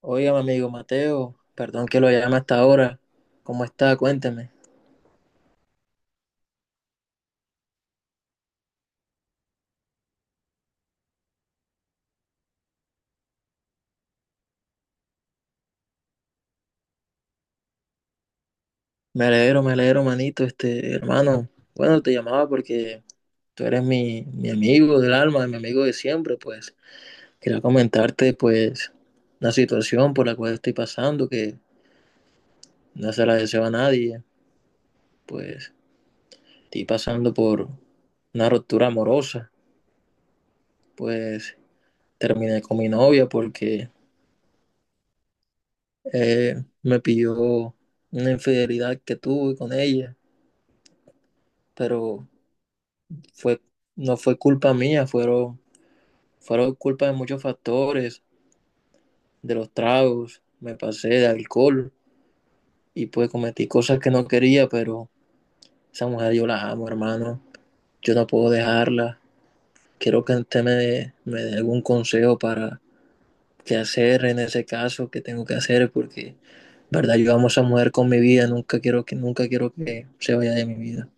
Oiga, mi amigo Mateo, perdón que lo llame hasta ahora. ¿Cómo está? Cuénteme. Me alegro, manito, este hermano. Bueno, te llamaba porque tú eres mi amigo del alma, mi amigo de siempre, pues quería comentarte, pues, una situación por la cual estoy pasando, que no se la deseo a nadie. Pues estoy pasando por una ruptura amorosa. Pues terminé con mi novia porque me pidió una infidelidad que tuve con ella, pero fue, no fue culpa mía, fueron, fueron culpa de muchos factores, de los tragos, me pasé de alcohol y pues cometí cosas que no quería, pero esa mujer yo la amo, hermano. Yo no puedo dejarla. Quiero que usted me dé algún consejo para qué hacer en ese caso, qué tengo que hacer, porque, verdad, yo amo a esa mujer con mi vida, nunca quiero que, nunca quiero que se vaya de mi vida.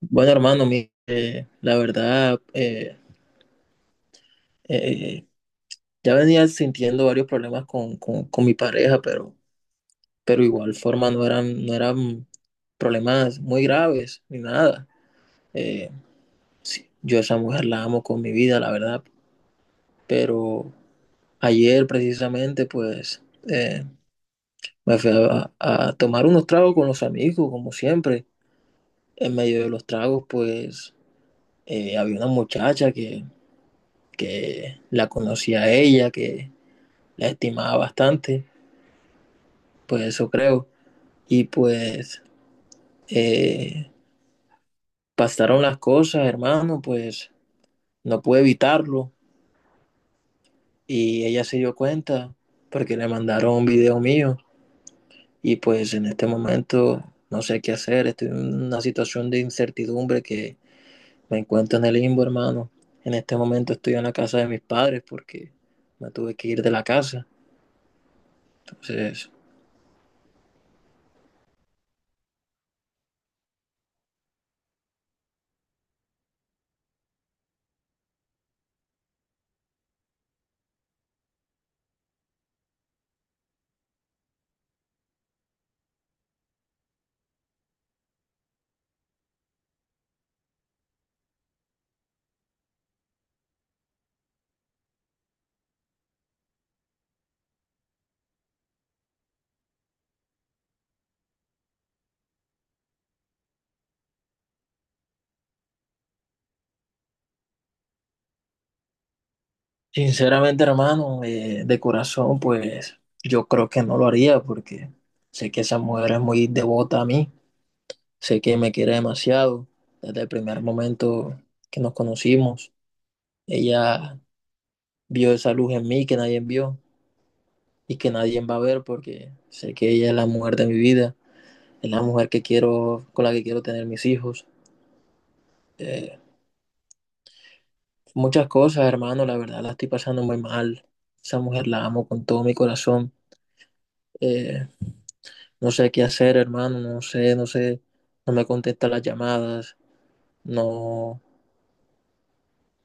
Bueno, hermano, la verdad, eh, ya venía sintiendo varios problemas con mi pareja, pero igual forma no eran, no eran problemas muy graves ni nada. Eh, sí, yo a esa mujer la amo con mi vida, la verdad, pero ayer precisamente pues eh, me fui a tomar unos tragos con los amigos, como siempre. En medio de los tragos pues había una muchacha que la conocía a ella, que la estimaba bastante, pues eso creo. Y pues eh, pasaron las cosas, hermano, pues no pude evitarlo y ella se dio cuenta porque le mandaron un video mío y pues en este momento no sé qué hacer, estoy en una situación de incertidumbre que me encuentro en el limbo, hermano. En este momento estoy en la casa de mis padres porque me tuve que ir de la casa. Entonces, sinceramente, hermano, de corazón, pues yo creo que no lo haría porque sé que esa mujer es muy devota a mí. Sé que me quiere demasiado. Desde el primer momento que nos conocimos, ella vio esa luz en mí que nadie vio y que nadie va a ver porque sé que ella es la mujer de mi vida, es la mujer que quiero, con la que quiero tener mis hijos. Eh, muchas cosas, hermano, la verdad la estoy pasando muy mal. Esa mujer la amo con todo mi corazón. Eh, no sé qué hacer, hermano, no sé, no sé, no me contesta las llamadas, no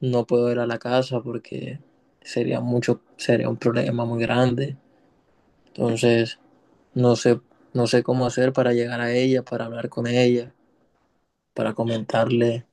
no puedo ir a la casa porque sería mucho, sería un problema muy grande. Entonces, no sé, no sé cómo hacer para llegar a ella, para hablar con ella, para comentarle.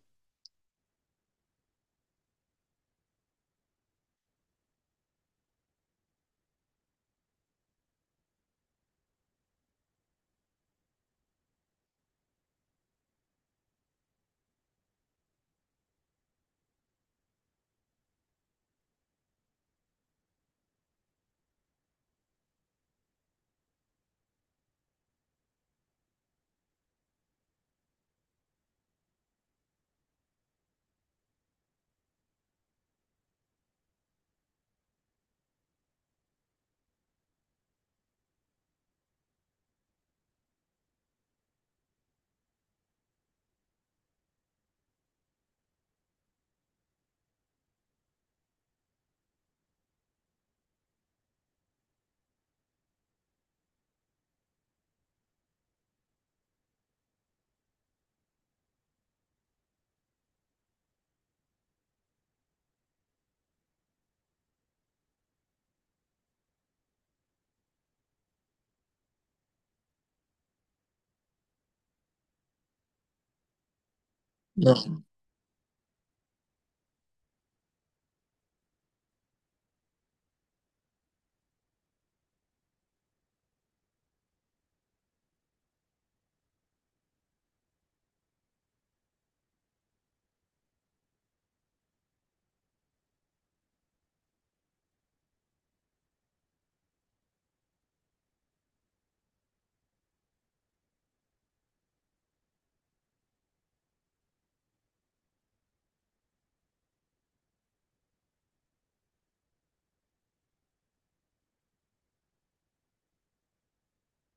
No,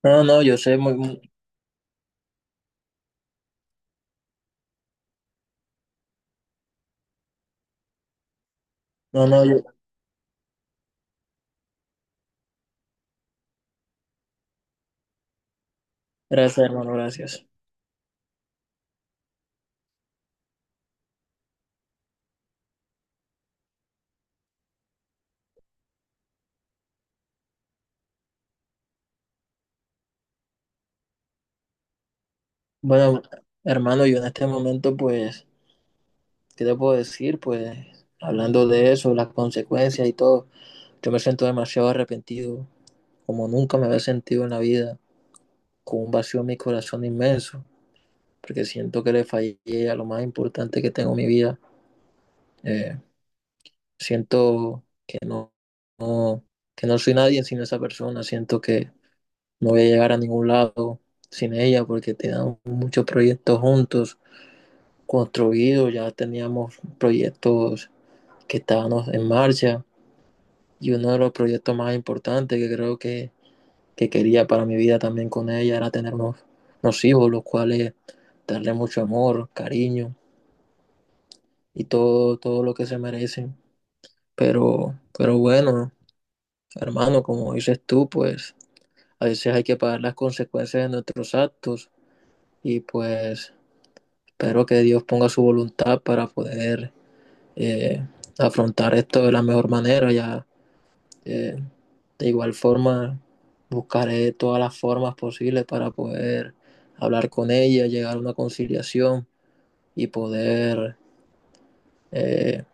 no, no, yo sé muy, muy- no, no, yo- gracias, hermano, gracias. Bueno, hermano, yo en este momento, pues, ¿qué te puedo decir? Pues, hablando de eso, las consecuencias y todo, yo me siento demasiado arrepentido, como nunca me había sentido en la vida, con un vacío en mi corazón inmenso, porque siento que le fallé a lo más importante que tengo en mi vida. Eh, siento que no, no, que no soy nadie sin esa persona, siento que no voy a llegar a ningún lado sin ella porque teníamos muchos proyectos juntos, construidos, ya teníamos proyectos que estábamos en marcha y uno de los proyectos más importantes que creo que quería para mi vida también con ella era tener unos, unos hijos, los cuales darle mucho amor, cariño, y todo, todo lo que se merecen. Pero bueno, hermano, como dices tú, pues a veces hay que pagar las consecuencias de nuestros actos y pues espero que Dios ponga su voluntad para poder eh, afrontar esto de la mejor manera. Ya eh, de igual forma buscaré todas las formas posibles para poder hablar con ella, llegar a una conciliación y poder eh,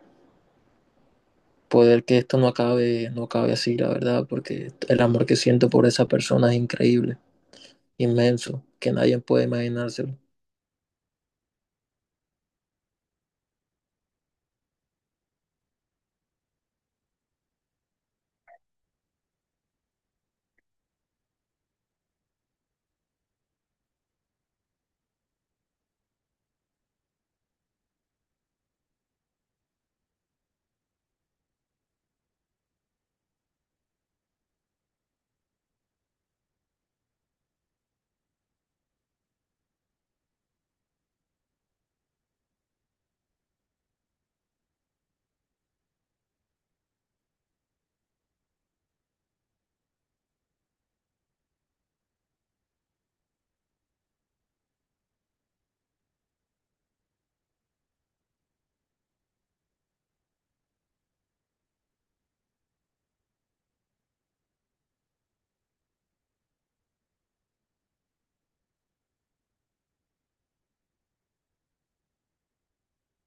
poder que esto no acabe, no acabe así, la verdad, porque el amor que siento por esa persona es increíble, inmenso, que nadie puede imaginárselo.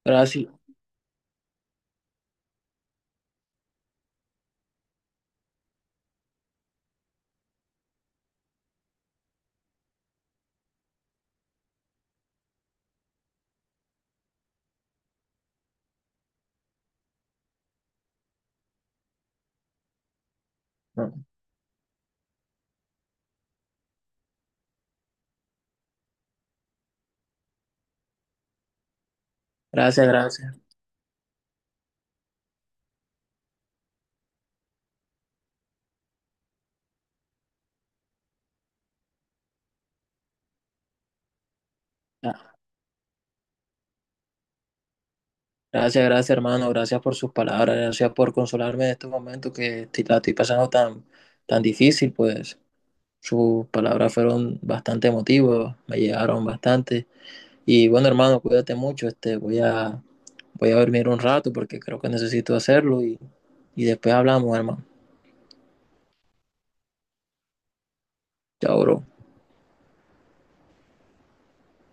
Gracias, no, gracias, gracias. Ah, gracias, gracias, hermano, gracias por sus palabras, gracias por consolarme en estos momentos que estoy- la estoy pasando tan, tan difícil, pues sus palabras fueron bastante emotivas, me llegaron bastante. Y bueno, hermano, cuídate mucho, este, voy a, voy a dormir un rato porque creo que necesito hacerlo y después hablamos, hermano. Chao, bro.